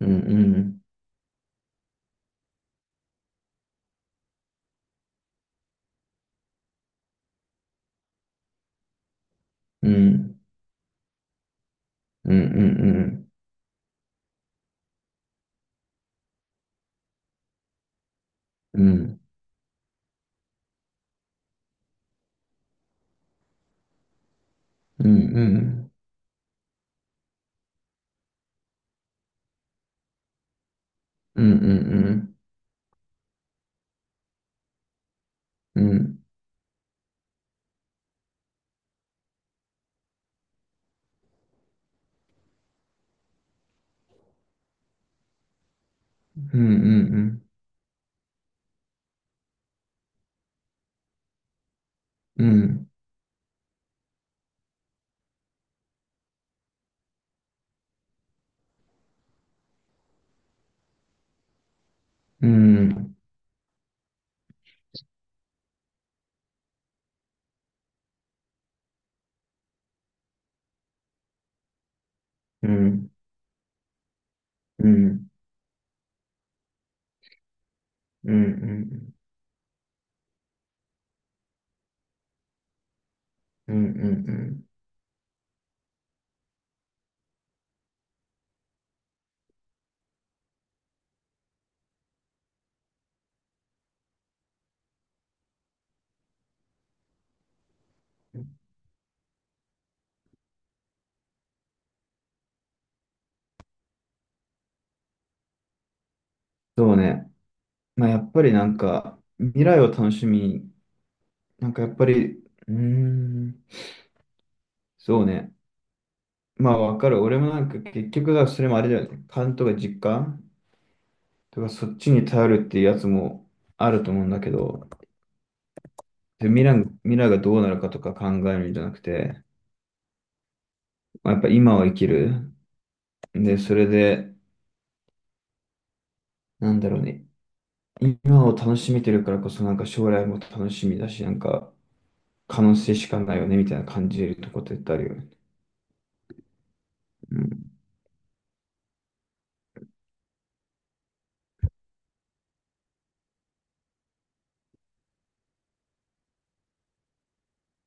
うんうん。うんうん。うんうん。うんうん。うんうん。うんうん。うんうん。うんうん。うんうん。そうね。まあやっぱりなんか未来を楽しみに、なんかやっぱり、うーん、そうね。まあわかる。俺もなんか結局はそれもあれだよね。勘とか実感とかそっちに頼るっていうやつもあると思うんだけど、で未来がどうなるかとか考えるんじゃなくて、まあやっぱ今を生きる。で、それで、なんだろうね。今を楽しめてるからこそ、なんか将来も楽しみだし、なんか可能性しかないよね、みたいな感じるとこってあるよね。うん。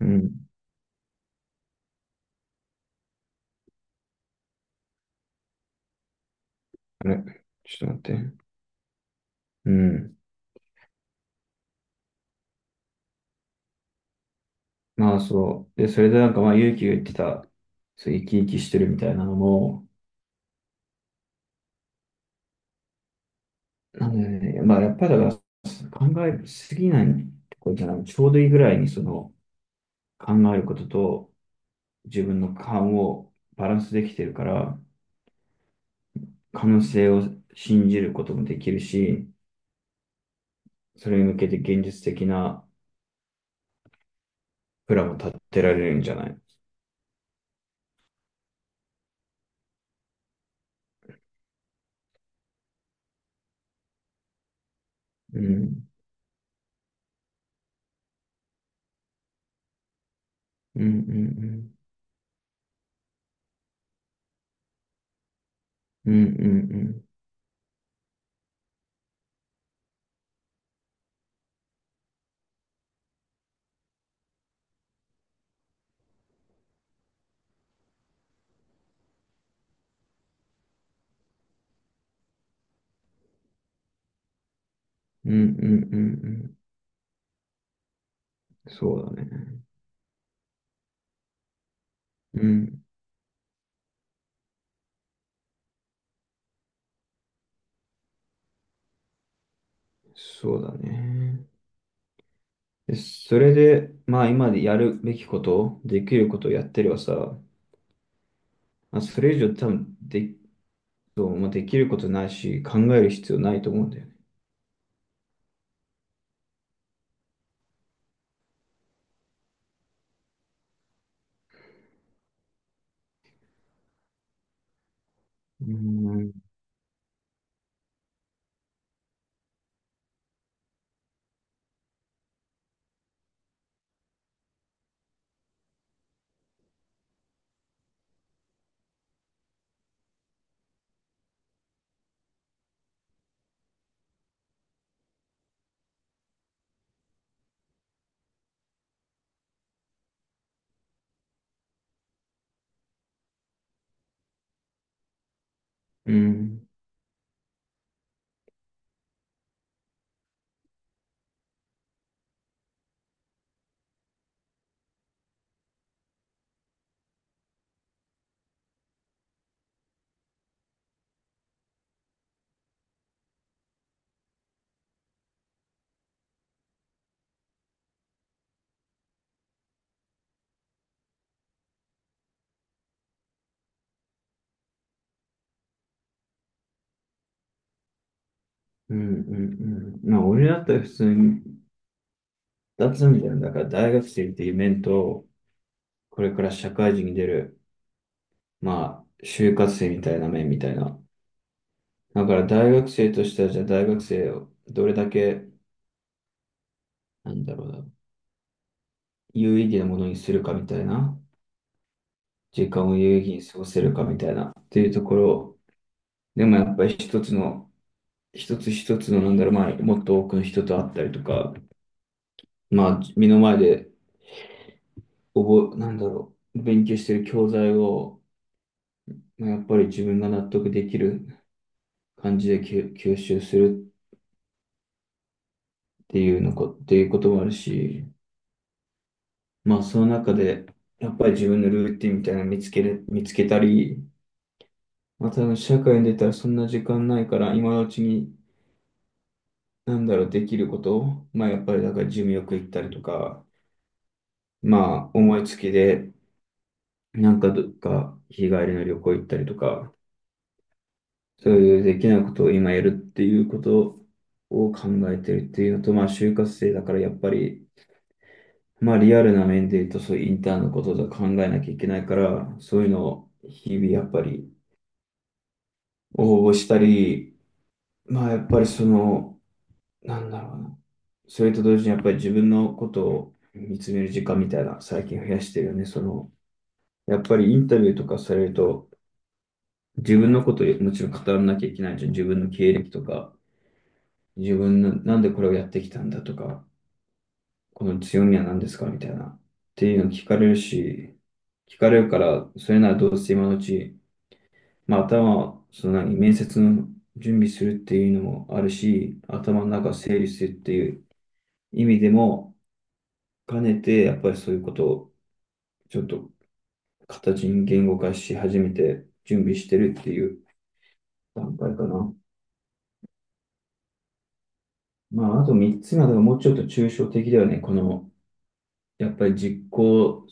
うん。あれ、ちょっと待って。うん。まあそう。で、それでなんかまあ、勇気が言ってた、そう、生き生きしてるみたいなのも、なんだよね。まあやっぱりだから、考えすぎないとこじゃない。ちょうどいいぐらいにその、考えることと、自分の勘をバランスできてるから、可能性を信じることもできるし、それに向けて現実的なプランを立てられるんじゃない。うん。うんうんうん。うんうんうん。うんうんうんうん。そうだね。うん。そうだね。でそれで、まあ今までやるべきこと、できることをやってればさ、まあ、それ以上多分で、そうまあできることないし、考える必要ないと思うんだよね。うん。うん。うんうんうん。まあ、俺だったら普通に2つあるじゃん。だから大学生っていう面と、これから社会人に出る、まあ、就活生みたいな面みたいな。だから大学生としては、じゃあ大学生をどれだけ、なんだろうな、有意義なものにするかみたいな、時間を有意義に過ごせるかみたいな、っていうところ、でもやっぱり一つ一つの、なんだろう、まあ、もっと多くの人と会ったりとか、まあ、目の前で、なんだろう、勉強してる教材を、まあやっぱり自分が納得できる感じで吸収するっていうこともあるし、まあその中で、やっぱり自分のルーティンみたいなの見つけたり、まあ多分社会に出たらそんな時間ないから、今のうちに、なんだろう、できることを、まあやっぱりだからジムよく行ったりとか、まあ思いつきで、なんかどっか日帰りの旅行行ったりとか、そういうできないことを今やるっていうことを考えてるっていうのと、まあ就活生だからやっぱり、まあリアルな面で言うと、そういうインターンのこととか考えなきゃいけないから、そういうのを日々やっぱり応募したり、まあやっぱりその、なんだろうな。それと同時にやっぱり自分のことを見つめる時間みたいな、最近増やしてるよね。その、やっぱりインタビューとかされると、自分のことをもちろん語らなきゃいけないじゃん。自分の経歴とか、自分のなんでこれをやってきたんだとか、この強みは何ですかみたいな。っていうの聞かれるし、聞かれるから、それならどうせ今のうち、まあ、頭、その何、面接の準備するっていうのもあるし、頭の中整理するっていう意味でも兼ねて、やっぱりそういうことをちょっと形に言語化し始めて準備してるっていう段階かな。まあ、あと3つ目はだもうちょっと抽象的だよね。この、やっぱり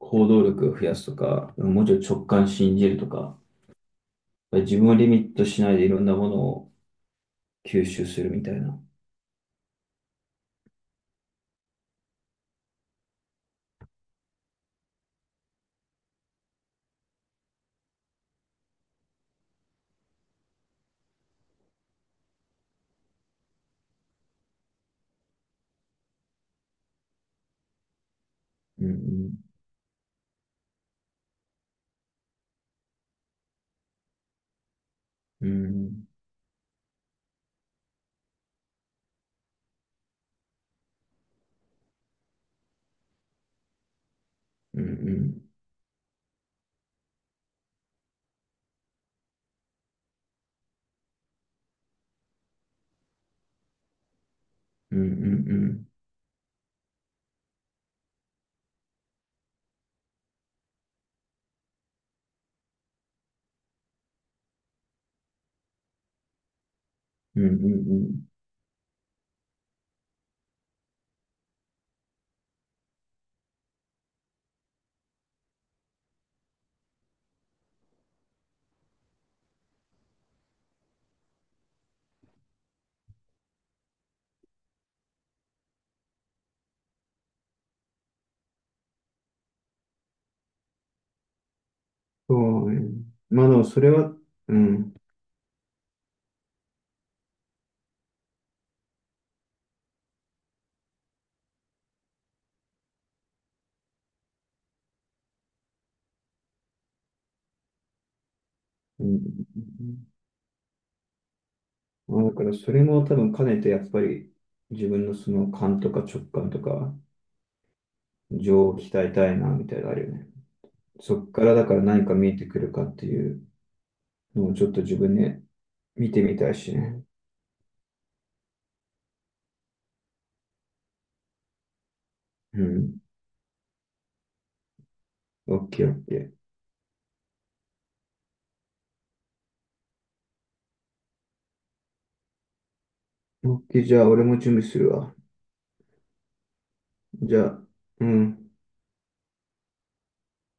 行動力を増やすとか、もうちょっと直感信じるとか、やっぱり自分をリミットしないでいろんなものを吸収するみたいな。うんうん。うんうん。うんうんうんうんうん。うんうんうん。そうね。まあでもそれは、うん。うんうんうん。まあだからそれも多分兼ねてやっぱり自分のその勘とか直感とか情を鍛えたいなみたいなのあるよね。そっからだから何か見えてくるかっていうのをちょっと自分で見てみたいしね。うん。オッケーオッケー。オッケーじゃあ俺も準備するわ。じゃあ、うん。